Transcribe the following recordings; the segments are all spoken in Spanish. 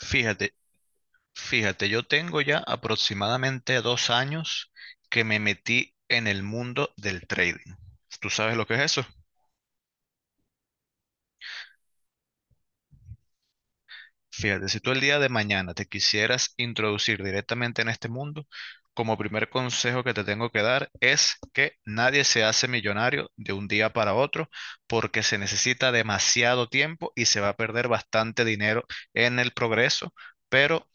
Fíjate, fíjate, yo tengo ya aproximadamente 2 años que me metí en el mundo del trading. ¿Tú sabes lo que es eso? Fíjate, si tú el día de mañana te quisieras introducir directamente en este mundo, como primer consejo que te tengo que dar es que nadie se hace millonario de un día para otro porque se necesita demasiado tiempo y se va a perder bastante dinero en el progreso, pero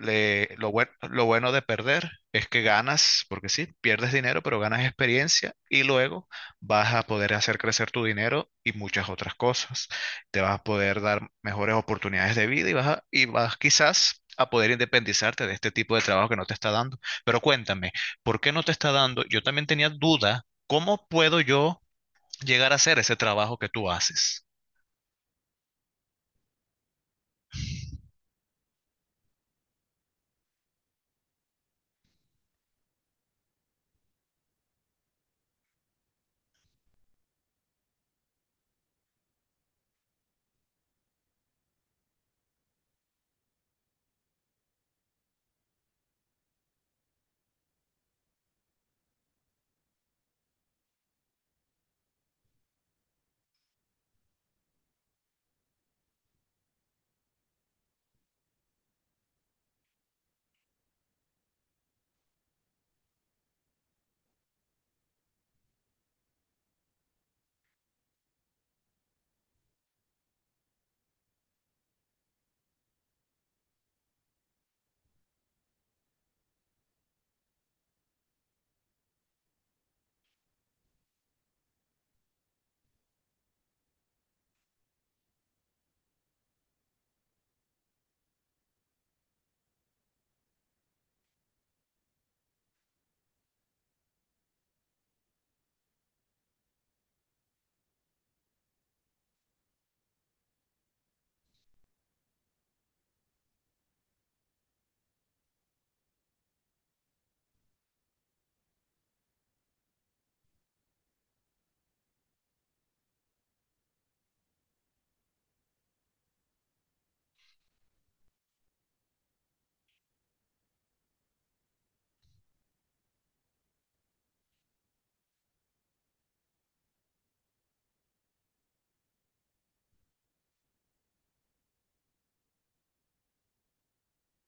lo bueno de perder es que ganas, porque sí, pierdes dinero, pero ganas experiencia y luego vas a poder hacer crecer tu dinero y muchas otras cosas. Te vas a poder dar mejores oportunidades de vida y y vas quizás a poder independizarte de este tipo de trabajo que no te está dando. Pero cuéntame, ¿por qué no te está dando? Yo también tenía duda, ¿cómo puedo yo llegar a hacer ese trabajo que tú haces?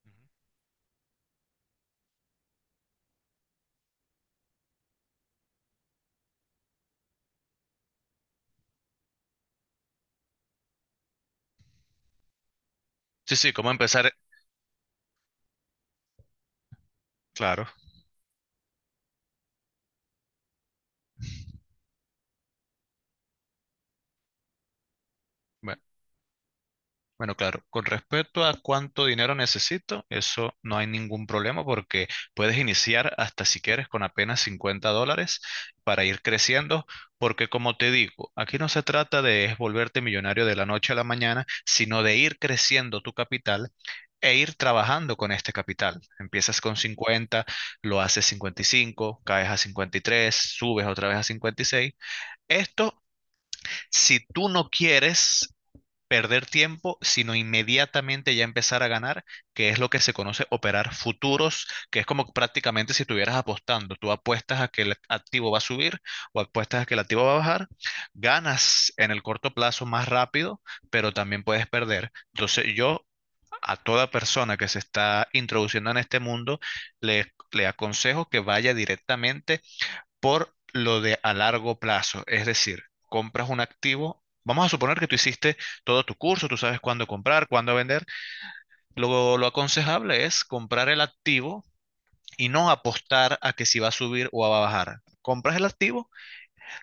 Ujú. Sí, sí, cómo empezar, claro. bue- Bueno, claro, con respecto a cuánto dinero necesito, eso no hay ningún problema porque puedes iniciar hasta si quieres con apenas $50 para ir creciendo, porque como te digo, aquí no se trata de es volverte millonario de la noche a la mañana, sino de ir creciendo tu capital e ir trabajando con este capital. Empiezas con 50, lo haces 55, caes a 53, subes otra vez a 56. Esto Si tú no quieres perder tiempo, sino inmediatamente ya empezar a ganar, que es lo que se conoce operar futuros, que es como prácticamente si estuvieras apostando, tú apuestas a que el activo va a subir o apuestas a que el activo va a bajar, ganas en el corto plazo más rápido, pero también puedes perder. Entonces yo, a toda persona que se está introduciendo en este mundo, le aconsejo que vaya directamente por lo de a largo plazo. Es decir, compras un activo. Vamos a suponer que tú hiciste todo tu curso, tú sabes cuándo comprar, cuándo vender. Lo aconsejable es comprar el activo y no apostar a que si va a subir o va a bajar. Compras el activo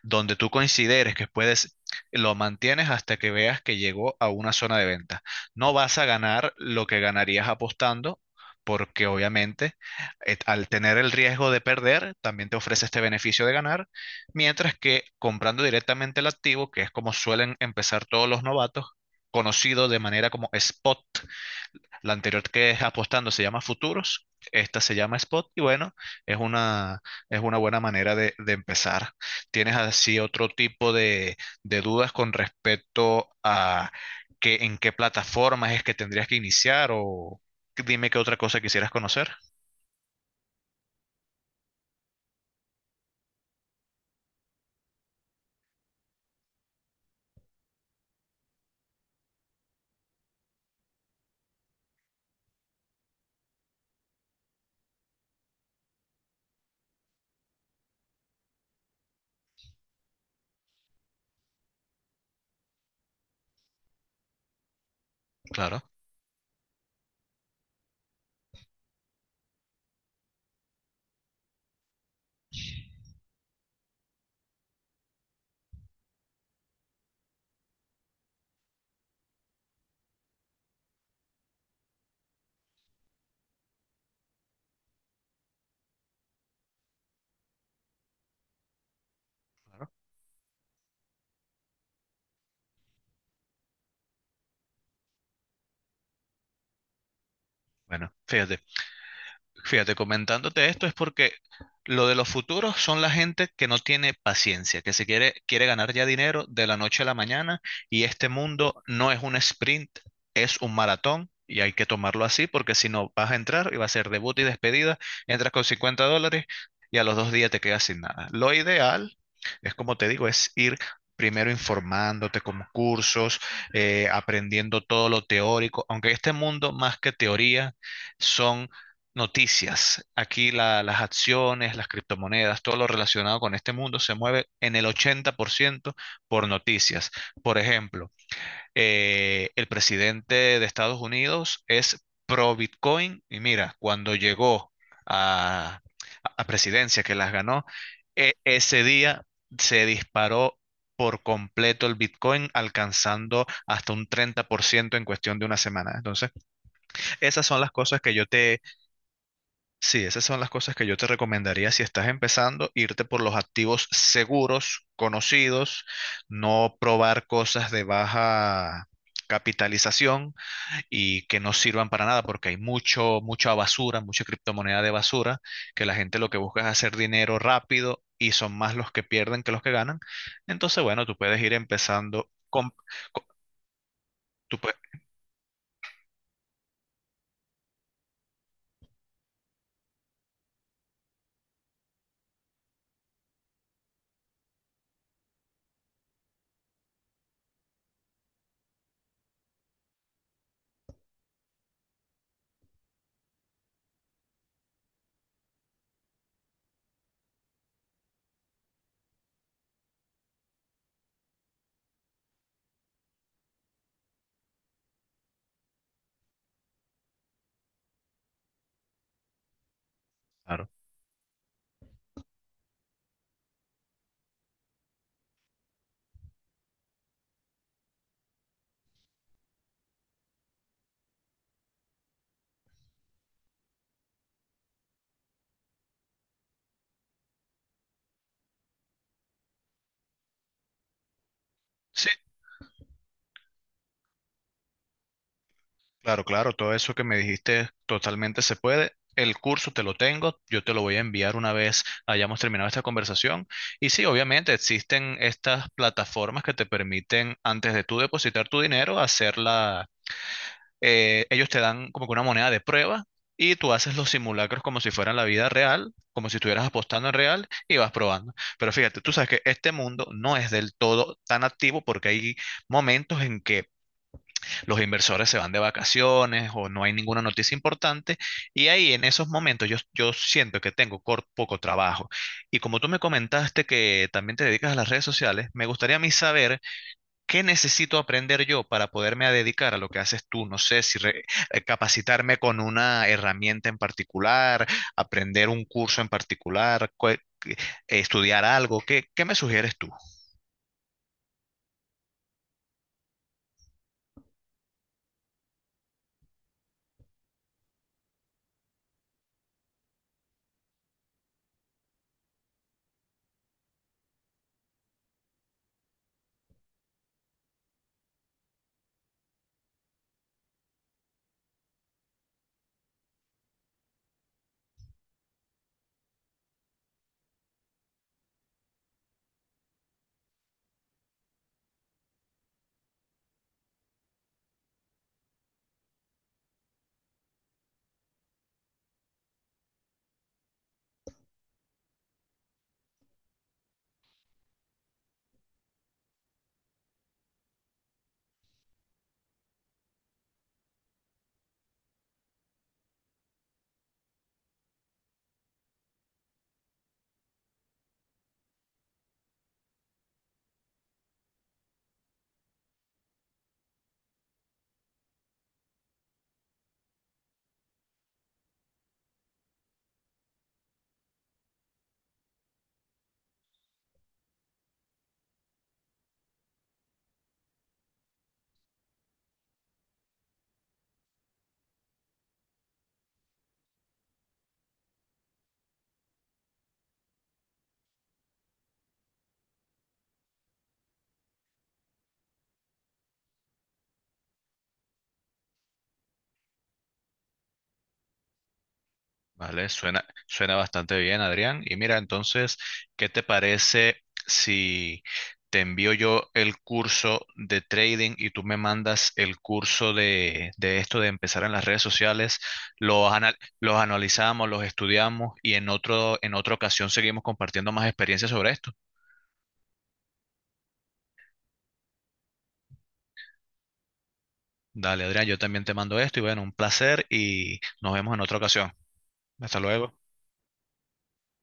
donde tú consideres que puedes, lo mantienes hasta que veas que llegó a una zona de venta. No vas a ganar lo que ganarías apostando, porque obviamente al tener el riesgo de perder, también te ofrece este beneficio de ganar, mientras que comprando directamente el activo, que es como suelen empezar todos los novatos, conocido de manera como spot. La anterior, que es apostando, se llama futuros; esta se llama spot. Y bueno, es una, es una buena manera de empezar. ¿Tienes así otro tipo de dudas con respecto a que, en qué plataformas es que tendrías que iniciar? O dime, ¿qué otra cosa quisieras conocer? Claro, claro. Bueno, fíjate, comentándote esto es porque lo de los futuros son la gente que no tiene paciencia, que se quiere ganar ya dinero de la noche a la mañana, y este mundo no es un sprint, es un maratón, y hay que tomarlo así porque si no vas a entrar y va a ser debut y despedida. Entras con $50 y a los 2 días te quedas sin nada. Lo ideal es, como te digo, es ir primero informándote con cursos, aprendiendo todo lo teórico, aunque este mundo, más que teoría, son noticias. Aquí las acciones, las criptomonedas, todo lo relacionado con este mundo se mueve en el 80% por noticias. Por ejemplo, el presidente de Estados Unidos es pro Bitcoin y mira, cuando llegó a, a presidencia, que las ganó, ese día se disparó por completo el Bitcoin, alcanzando hasta un 30% en cuestión de una semana. Entonces, esas son las cosas que yo te... Sí, esas son las cosas que yo te recomendaría si estás empezando: irte por los activos seguros, conocidos, no probar cosas de baja capitalización y que no sirvan para nada, porque hay mucha basura, mucha criptomoneda de basura, que la gente lo que busca es hacer dinero rápido, y son más los que pierden que los que ganan. Entonces, bueno, tú puedes ir empezando con... con- tú pue- claro. Sí, claro, claro, todo eso que me dijiste totalmente se puede. El curso te lo tengo, yo te lo voy a enviar una vez hayamos terminado esta conversación. Y sí, obviamente existen estas plataformas que te permiten, antes de tú depositar tu dinero, hacerla. Ellos te dan como que una moneda de prueba y tú haces los simulacros como si fueran la vida real, como si estuvieras apostando en real, y vas probando. Pero fíjate, tú sabes que este mundo no es del todo tan activo, porque hay momentos en que los inversores se van de vacaciones o no hay ninguna noticia importante, y ahí en esos momentos yo, yo siento que tengo poco trabajo. Y como tú me comentaste que también te dedicas a las redes sociales, me gustaría a mí saber qué necesito aprender yo para poderme a dedicar a lo que haces tú. No sé si capacitarme con una herramienta en particular, aprender un curso en particular, eh, estudiar algo. ¿Qué, qué me sugieres tú? Vale, suena, suena bastante bien, Adrián. Y mira, entonces, ¿qué te parece si te envío yo el curso de trading y tú me mandas el curso de esto de empezar en las redes sociales? Los, ana- los analizamos, los estudiamos, y en otro, en otra ocasión seguimos compartiendo más experiencias sobre esto. Dale, Adrián, yo también te mando esto y bueno, un placer y nos vemos en otra ocasión. Hasta luego.